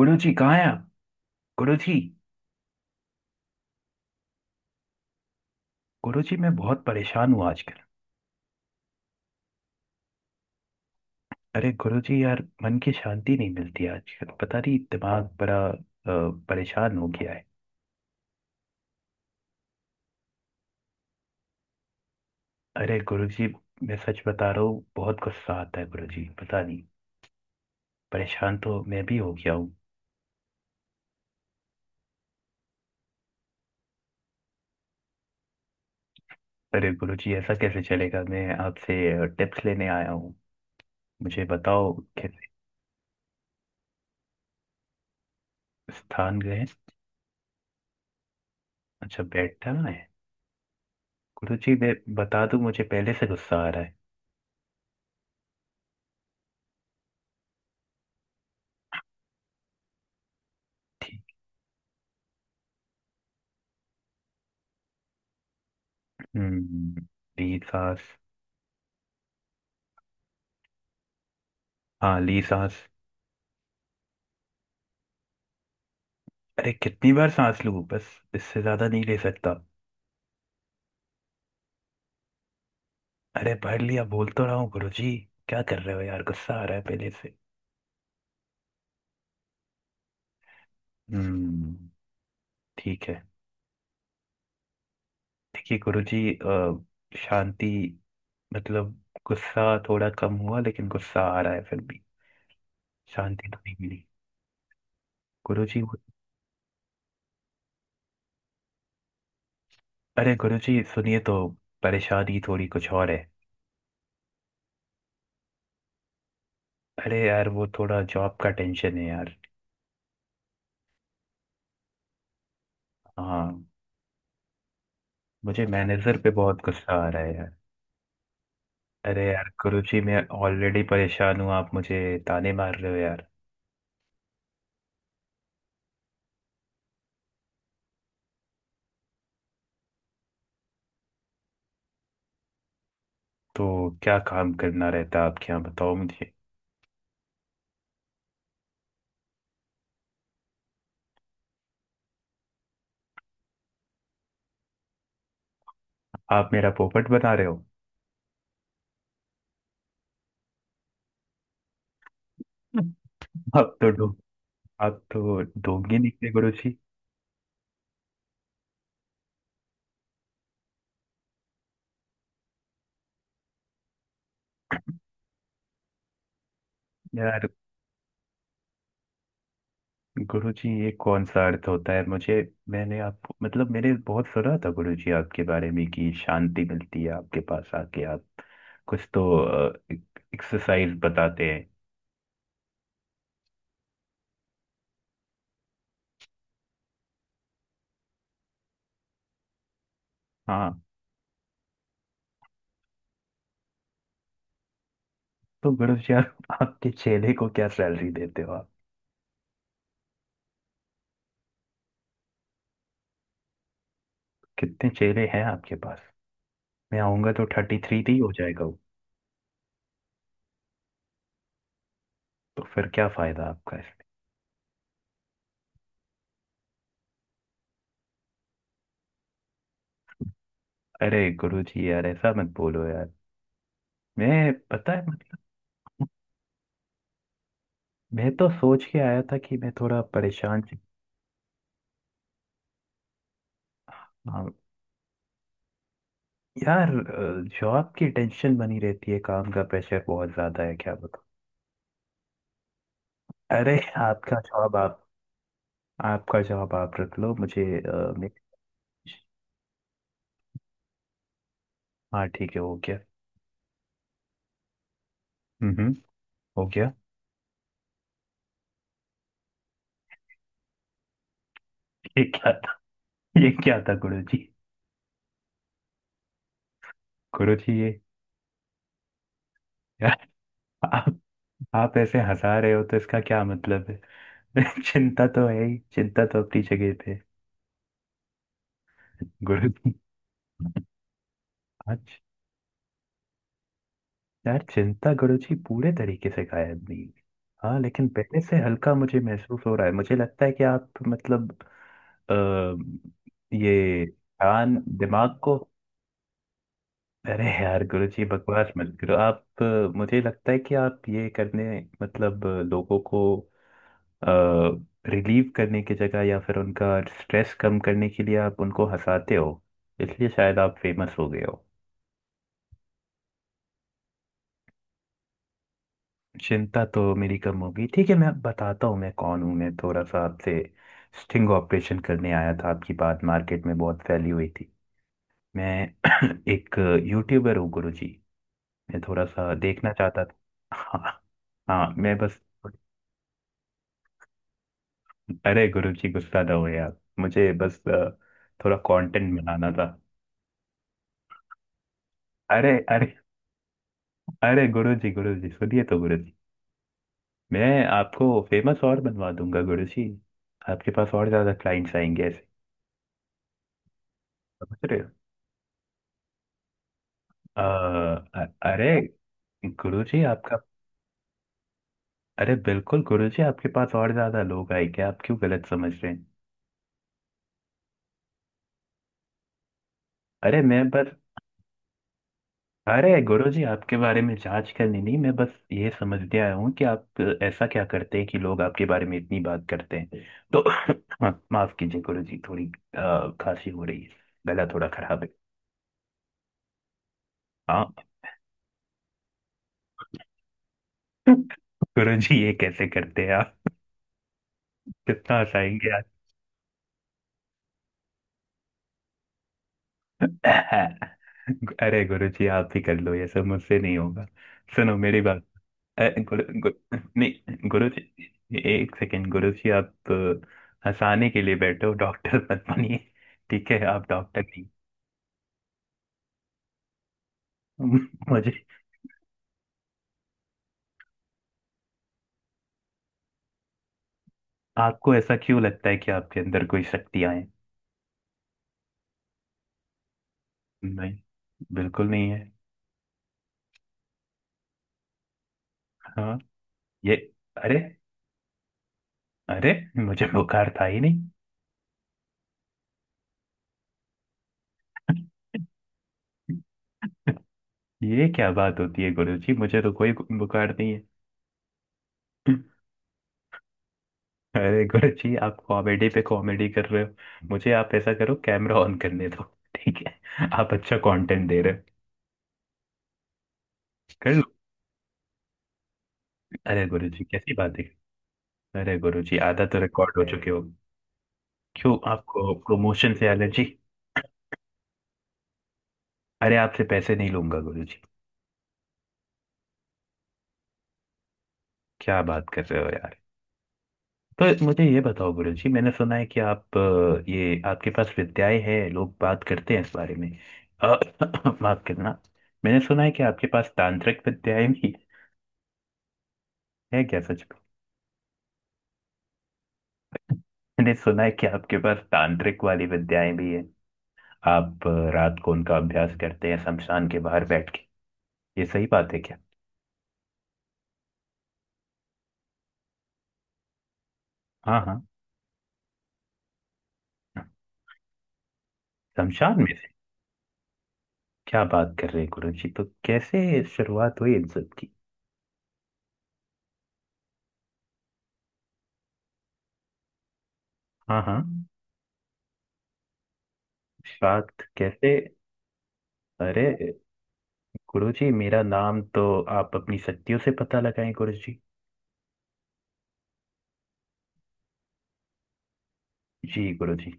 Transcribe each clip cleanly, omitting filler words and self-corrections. गुरु जी कहाँ हैं आप? गुरु जी। गुरु जी, मैं बहुत परेशान हूँ आजकल। अरे गुरु जी यार, मन की शांति नहीं मिलती आजकल, पता नहीं दिमाग बड़ा परेशान हो गया है। अरे गुरु जी, मैं सच बता रहा हूँ, बहुत गुस्सा आता है गुरु जी, पता नहीं। परेशान तो मैं भी हो गया हूँ। अरे गुरु जी, ऐसा कैसे चलेगा? मैं आपसे टिप्स लेने आया हूँ, मुझे बताओ कैसे। स्थान गए? अच्छा, बैठना है। गुरु जी मैं बता दूँ, मुझे पहले से गुस्सा आ रहा है। ठीक। हम्म, मेरी सांस? हाँ, ली सांस। अरे कितनी बार सांस लूं बस, इससे ज्यादा नहीं ले सकता। अरे पढ़ लिया, बोल तो रहा हूँ गुरुजी, क्या कर रहे हो यार? गुस्सा आ रहा है पहले से। हम्म। ठीक है। देखिए गुरुजी, शांति मतलब गुस्सा थोड़ा कम हुआ, लेकिन गुस्सा आ रहा है फिर भी, शांति तो नहीं मिली। गुरुजी वो-। अरे गुरुजी सुनिए तो, परेशानी थोड़ी कुछ और है। अरे यार, वो थोड़ा जॉब का टेंशन है यार। हाँ। मुझे मैनेजर पे बहुत गुस्सा आ रहा है यार। अरे यार कुरुचि, मैं ऑलरेडी परेशान हूँ, आप मुझे ताने मार रहे हो यार। तो क्या काम करना रहता है आपके यहाँ, बताओ मुझे। आप मेरा पोपट बना रहे हो? आप तो डो आप तो ढोंगी निकले गुरुजी। यार गुरुजी, ये कौन सा अर्थ होता है? मुझे मैंने आप मतलब मैंने बहुत सुना था गुरुजी आपके बारे में कि शांति मिलती है आपके पास आके, आप कुछ तो एक्सरसाइज बताते हैं। हाँ, तो गुरुजी आप आपके चेले को क्या सैलरी देते हो? कितने चेहरे हैं आपके पास? मैं आऊंगा तो 33 तो ही हो जाएगा वो। तो फिर क्या फायदा आपका इसमें? अरे गुरु जी यार ऐसा मत बोलो यार, मैं पता है। मैं तो सोच के आया था कि मैं थोड़ा परेशान सी-। हाँ यार, जॉब की टेंशन बनी रहती है, काम का प्रेशर बहुत ज्यादा है, क्या बताऊं। अरे आपका जॉब आप आपका जॉब आप रख लो मुझे, हाँ ठीक है, हो गया। हम्म हम्म, हो गया। ये क्या था? ये क्या था गुरु जी? गुरु जी ये- यार, आप ऐसे हंसा रहे हो तो इसका क्या मतलब है? चिंता तो है ही, चिंता तो अपनी जगह पे है। गुरु जी। आज। यार चिंता गुरु जी पूरे तरीके से गायब नहीं हुई। हाँ लेकिन पहले से हल्का मुझे महसूस हो रहा है, मुझे लगता है कि आप मतलब आ, ये कान दिमाग को। अरे यार गुरु जी बकवास मत करो आप, मुझे लगता है कि आप ये करने मतलब लोगों को रिलीव करने की जगह या फिर उनका स्ट्रेस कम करने के लिए आप उनको हंसाते हो, इसलिए शायद आप फेमस हो गए हो। चिंता तो मेरी कम होगी, ठीक है। मैं बताता हूँ मैं कौन हूँ, मैं थोड़ा सा आपसे स्टिंग ऑपरेशन करने आया था, आपकी बात मार्केट में बहुत फैली हुई थी। मैं एक यूट्यूबर हूँ गुरुजी, मैं थोड़ा सा देखना चाहता था। हाँ। हाँ मैं बस। अरे गुरुजी गुस्सा ना हो यार, मुझे बस थोड़ा कंटेंट बनाना था। अरे, अरे। अरे गुरु जी, गुरु जी सुनिए तो गुरु जी, मैं आपको फेमस और बनवा दूंगा गुरु जी। आपके पास और ज्यादा क्लाइंट्स आएंगे ऐसे, समझ रहे हो? अ, अरे गुरु जी आपका। अरे बिल्कुल गुरु जी, आपके पास और ज्यादा लोग आएंगे, आप क्यों गलत समझ रहे हैं? अरे मैं बस। अरे गुरु जी आपके बारे में जांच करनी नहीं, मैं बस ये समझने आया हूँ कि आप ऐसा क्या करते हैं कि लोग आपके बारे में इतनी बात करते हैं। तो माफ कीजिए गुरु जी, थोड़ी खांसी हो रही है, गला थोड़ा खराब है। हाँ। गुरु जी, ये कैसे करते हैं आप? कितना हंसाएंगे आप? अरे गुरु जी आप ही कर लो, ये सब मुझसे नहीं होगा, सुनो मेरी बात। अ, गुरु गुरु नहीं, गुरु जी। एक सेकेंड गुरु जी, आप हंसाने के लिए बैठो, डॉक्टर मत बनिए। ठीक है, आप डॉक्टर नहीं। मुझे। आपको ऐसा क्यों लगता है कि आपके अंदर कोई शक्तियां हैं? नहीं, बिल्कुल नहीं है। हाँ। ये। अरे, अरे, मुझे बुखार था ही नहीं। ये क्या बात होती है गुरु जी, मुझे तो कोई बुखार नहीं है। अरे गुरु जी, आप कॉमेडी पे कॉमेडी कर रहे हो, मुझे आप ऐसा करो कैमरा ऑन करने दो। ठीक है, आप अच्छा कंटेंट दे रहे हो, कर लो। अरे गुरु जी कैसी बात है? अरे गुरु जी, आधा तो रिकॉर्ड हो चुके हो। क्यों, आपको प्रमोशन से एलर्जी? अरे आपसे पैसे नहीं लूंगा गुरु जी, क्या बात कर रहे हो यार? तो मुझे ये बताओ गुरु जी, मैंने सुना है कि आप, ये आपके पास विद्याएं हैं, लोग बात करते हैं इस बारे में। अ, माफ करना, मैंने सुना है कि आपके पास तांत्रिक विद्याएं भी है क्या सच में? मैंने सुना है कि आपके पास तांत्रिक वाली विद्याएं भी है, आप रात को उनका अभ्यास करते हैं शमशान के बाहर बैठ के, ये सही बात है क्या? हाँ हाँ। शमशान में से? क्या बात कर रहे हैं गुरु जी, तो कैसे शुरुआत हुई इन सब की? हाँ हाँ। शाक्त कैसे? अरे गुरु जी मेरा नाम तो आप अपनी शक्तियों से पता लगाएं गुरु जी। जी गुरु जी।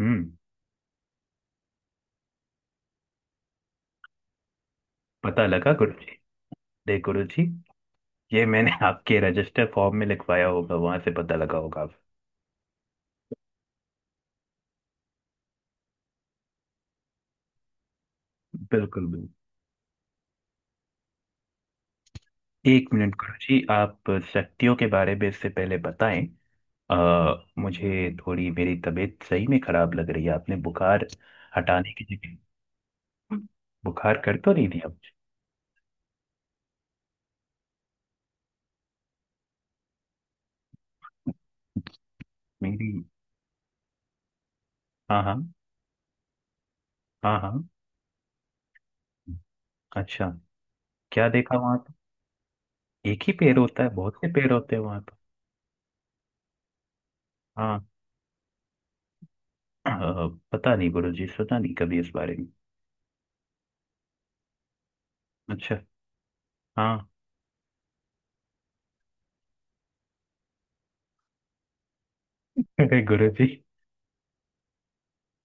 हम्म। पता लगा गुरु जी? देख गुरु जी, ये मैंने आपके रजिस्टर फॉर्म में लिखवाया होगा, वहां से पता लगा होगा आप। बिल्कुल बिल्कुल। एक मिनट गुरु जी, आप शक्तियों के बारे में इससे पहले बताएं। मुझे थोड़ी मेरी तबीयत सही में खराब लग रही है, आपने बुखार हटाने की जगह बुखार कर तो नहीं दिया मुझे? मेरी। हाँ हाँ। हाँ हाँ। अच्छा, क्या देखा वहां? एक ही पेड़ होता है? बहुत से पेड़ होते हैं वहां पर। हाँ। अ, पता नहीं गुरु जी, सुना नहीं कभी इस बारे में। अच्छा। हाँ। अरे गुरु जी,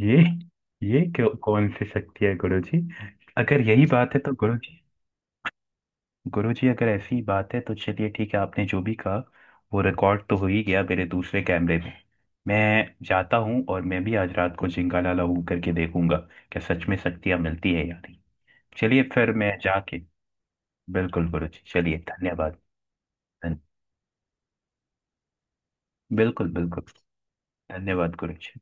ये ये क्यों? कौन सी शक्ति है गुरु जी? अगर यही बात है तो गुरु जी, गुरु जी अगर ऐसी बात है तो चलिए ठीक है, आपने जो भी कहा वो रिकॉर्ड तो हो ही गया मेरे दूसरे कैमरे में। मैं जाता हूँ और मैं भी आज रात को जिंगाला लाऊ करके देखूंगा, क्या सच में शक्तियाँ मिलती है या नहीं। चलिए फिर मैं जाके। बिल्कुल गुरु जी, चलिए धन्यवाद। बिल्कुल बिल्कुल। धन्यवाद कुरेश।